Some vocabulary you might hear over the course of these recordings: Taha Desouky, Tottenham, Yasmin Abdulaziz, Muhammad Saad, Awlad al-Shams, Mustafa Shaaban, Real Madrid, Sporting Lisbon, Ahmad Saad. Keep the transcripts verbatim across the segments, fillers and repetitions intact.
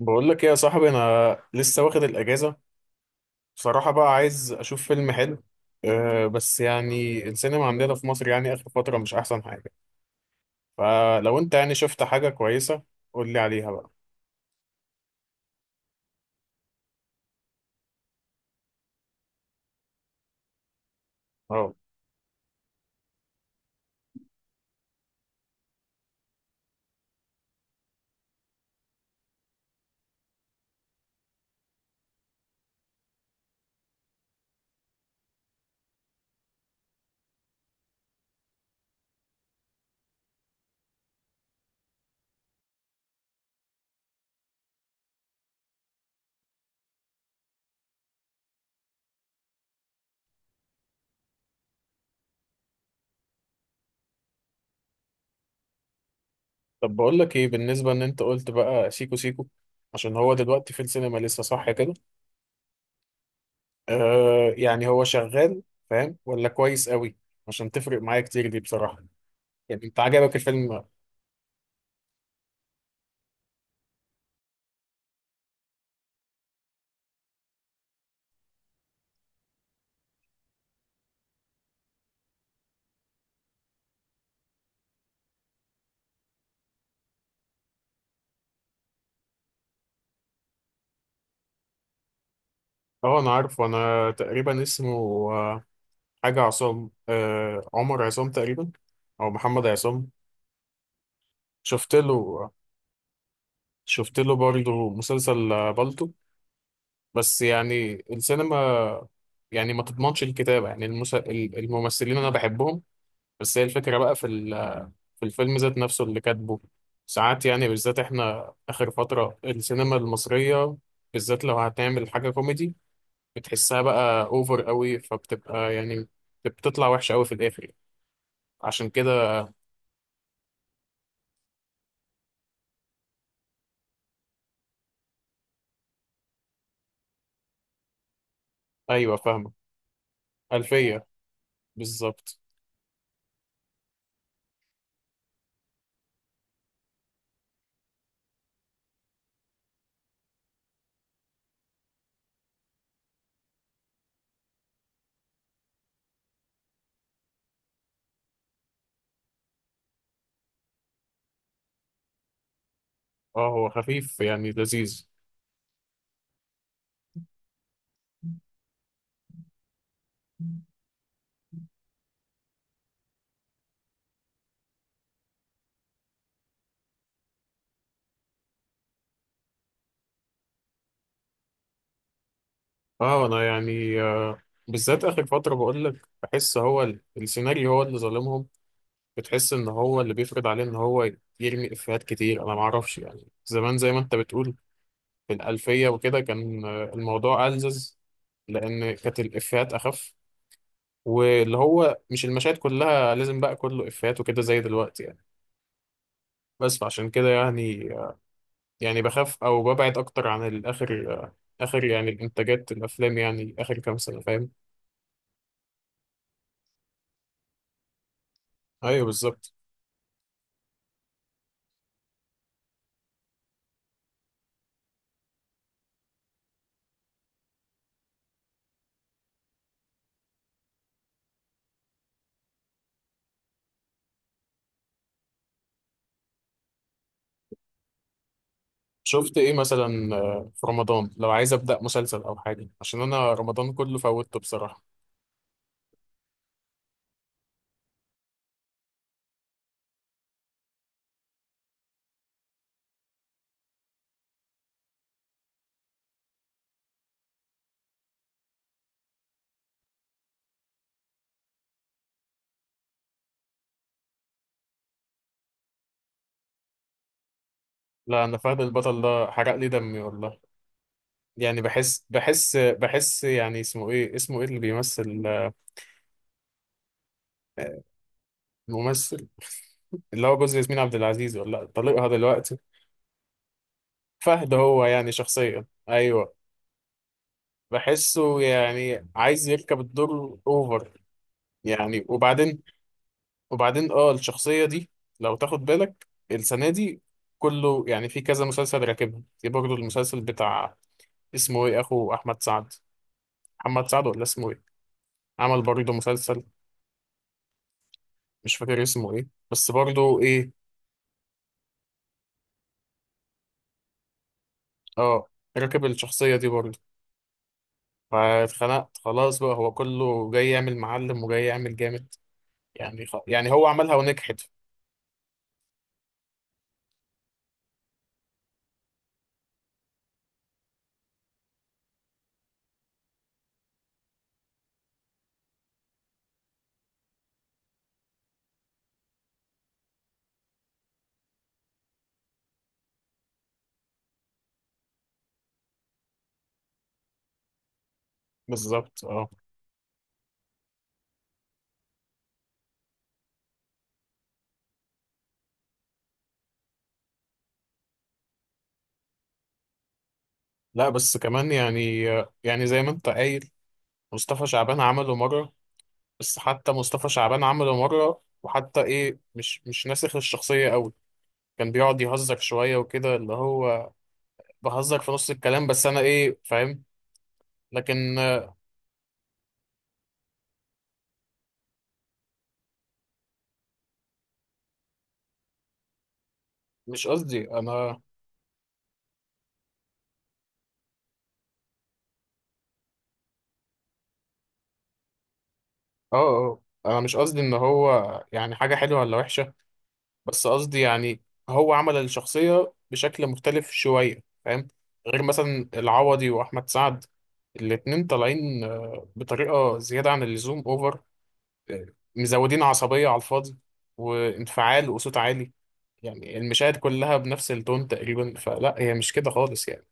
بقول لك ايه يا صاحبي؟ انا لسه واخد الاجازه. بصراحه بقى عايز اشوف فيلم حلو. أه بس يعني السينما عندنا في مصر يعني اخر فتره مش احسن حاجه. فلو انت يعني شفت حاجه كويسه، قول لي عليها بقى. اه، طب بقول لك ايه بالنسبه ان انت قلت بقى سيكو سيكو؟ عشان هو دلوقتي في السينما لسه صح كده؟ أه، يعني هو شغال؟ فاهم ولا كويس قوي؟ عشان تفرق معايا كتير دي بصراحه. يعني انت عجبك الفيلم؟ اه، انا عارف، وانا تقريبا اسمه آه، حاجة عصام، آه عمر عصام تقريبا. أو محمد عصام. شفت له شفت له برضه مسلسل آه، بالطو. بس يعني السينما يعني ما تضمنش الكتابة. يعني المس... ال- الممثلين أنا بحبهم. بس هي الفكرة بقى في ال... في الفيلم ذات نفسه، اللي كاتبه ساعات يعني بالذات إحنا آخر فترة السينما المصرية، بالذات لو هتعمل حاجة كوميدي، بتحسها بقى أوفر قوي، فبتبقى يعني بتطلع وحشة قوي في الآخر. عشان كده. أيوه، فاهمة. ألفية، بالظبط. اه، هو خفيف يعني لذيذ. اه، انا يعني آه بالذات اخر فتره، بقول لك بحس هو ال- السيناريو هو اللي ظالمهم. بتحس ان هو اللي بيفرض عليه ان هو يرمي افيهات كتير. انا ما اعرفش، يعني زمان زي ما انت بتقول في الالفيه وكده، كان آه، الموضوع ألذذ، لان كانت الافيهات اخف، واللي هو مش المشاهد كلها لازم بقى كله افيهات وكده زي دلوقتي يعني. بس فعشان كده يعني، يعني بخاف او ببعد اكتر عن الاخر، اخر يعني الانتاجات الافلام، يعني اخر كام سنه فاهم. ايوه بالظبط. شفت ايه مثلا آه، في رمضان؟ لو عايز ابدا مسلسل او حاجه، عشان انا رمضان كله فوتته بصراحه. لا، انا فهد البطل ده حرق لي دمي والله. يعني بحس بحس بحس يعني اسمه ايه اسمه ايه اللي بيمثل آه، الممثل، اللي هو جوز ياسمين عبد العزيز ولا طليقها دلوقتي. فهد هو، يعني شخصيا، ايوه. بحسه يعني عايز يركب الدور اوفر. يعني وبعدين، وبعدين اه الشخصية دي، لو تاخد بالك السنة دي، كله يعني في كذا مسلسل راكبها. في برضه المسلسل بتاع، اسمه ايه، اخو احمد سعد، محمد سعد ولا اسمه ايه، عمل برضه مسلسل، مش فاكر اسمه ايه بس برضه ايه، اه، راكب الشخصية دي برضه. فاتخنقت خلاص بقى، هو كله جاي يعمل معلم وجاي يعمل جامد. يعني خ... يعني هو عملها ونجحت. بالظبط اه. لا، بس كمان يعني، يعني زي ما انت قايل، مصطفى شعبان عمله مرة، بس حتى مصطفى شعبان عمله مرة، وحتى ايه، مش مش ناسخ الشخصية قوي. كان بيقعد يهزر شوية وكده، اللي هو بهزر في نص الكلام بس، انا ايه فاهم. لكن، آه، مش قصدي انا، اه اه انا مش قصدي ان هو يعني حاجة حلوة ولا وحشة، بس قصدي يعني، هو عمل الشخصية بشكل مختلف شوية فاهم. غير مثلا العوضي واحمد سعد، الاتنين طالعين آه، بطريقة زيادة عن اللزوم، اوفر، مزودين عصبية على الفاضي، وانفعال وصوت عالي. يعني المشاهد كلها بنفس التون تقريبا، فلا، هي مش كده خالص يعني.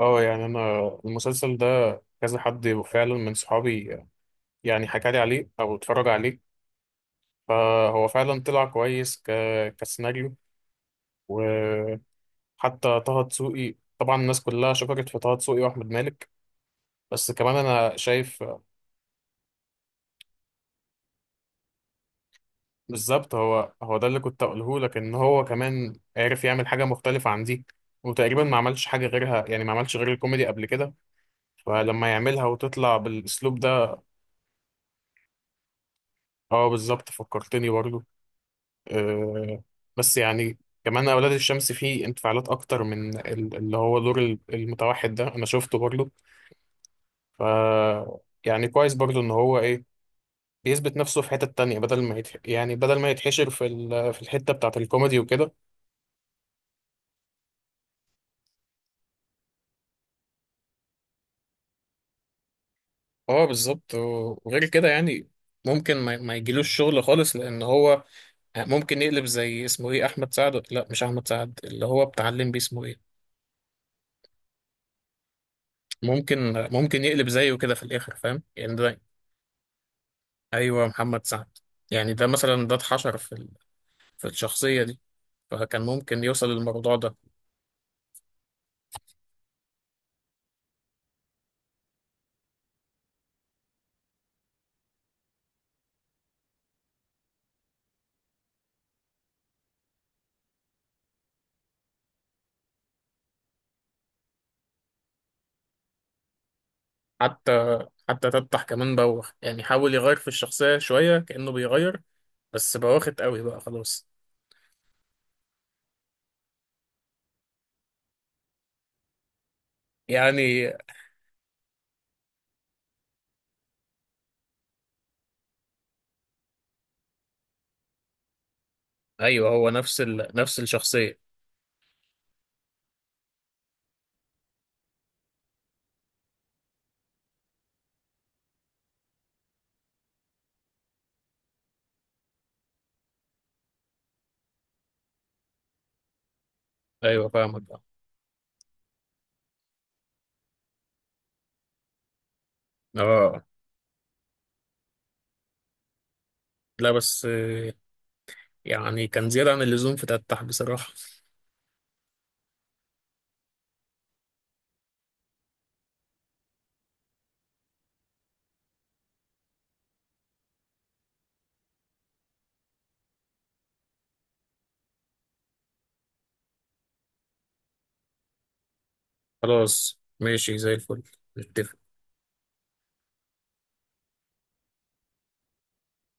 اه، يعني انا المسلسل ده، كذا حد فعلا من صحابي يعني حكى لي عليه او اتفرج عليه. فهو فعلا طلع كويس ك... كسيناريو. وحتى طه دسوقي، طبعا الناس كلها شكرت في طه دسوقي واحمد مالك، بس كمان انا شايف بالظبط، هو هو ده اللي كنت اقوله لك، ان هو كمان عرف يعمل حاجه مختلفه عن دي. وتقريبا ما عملش حاجه غيرها، يعني ما عملش غير الكوميدي قبل كده. فلما يعملها وتطلع بالاسلوب ده، اه بالظبط، فكرتني برضو. آه بس يعني، كمان اولاد الشمس فيه انفعالات اكتر من ال- اللي هو دور ال- المتوحد ده، انا شفته برضو. ف، يعني كويس برضو ان هو ايه بيثبت نفسه في حتة تانية، بدل ما يتح... يعني بدل ما يتحشر في ال... في الحتة بتاعت الكوميدي وكده. اه بالظبط، و- وغير كده يعني، ممكن ما, ما يجيلوش شغل خالص، لان هو ممكن يقلب زي اسمه ايه احمد سعد، لا مش احمد سعد، اللي هو بتاع الليمبي اسمه ايه، ممكن ممكن يقلب زيه كده في الاخر فاهم، يعني ده، ايوه محمد سعد. يعني ده مثلا ده اتحشر في ال- في الشخصيه دي، فكان ممكن يوصل للموضوع ده. حتى حتى تفتح كمان بوخ، يعني حاول يغير في الشخصيه شويه، كانه بيغير، بس بوخت قوي بقى خلاص. يعني ايوه، هو نفس ال... نفس الشخصيه. ايوه فاهمك. اه لا، بس آه، يعني كان زيادة عن اللزوم في تفتح بصراحة. خلاص ماشي زي الفل، نتفق.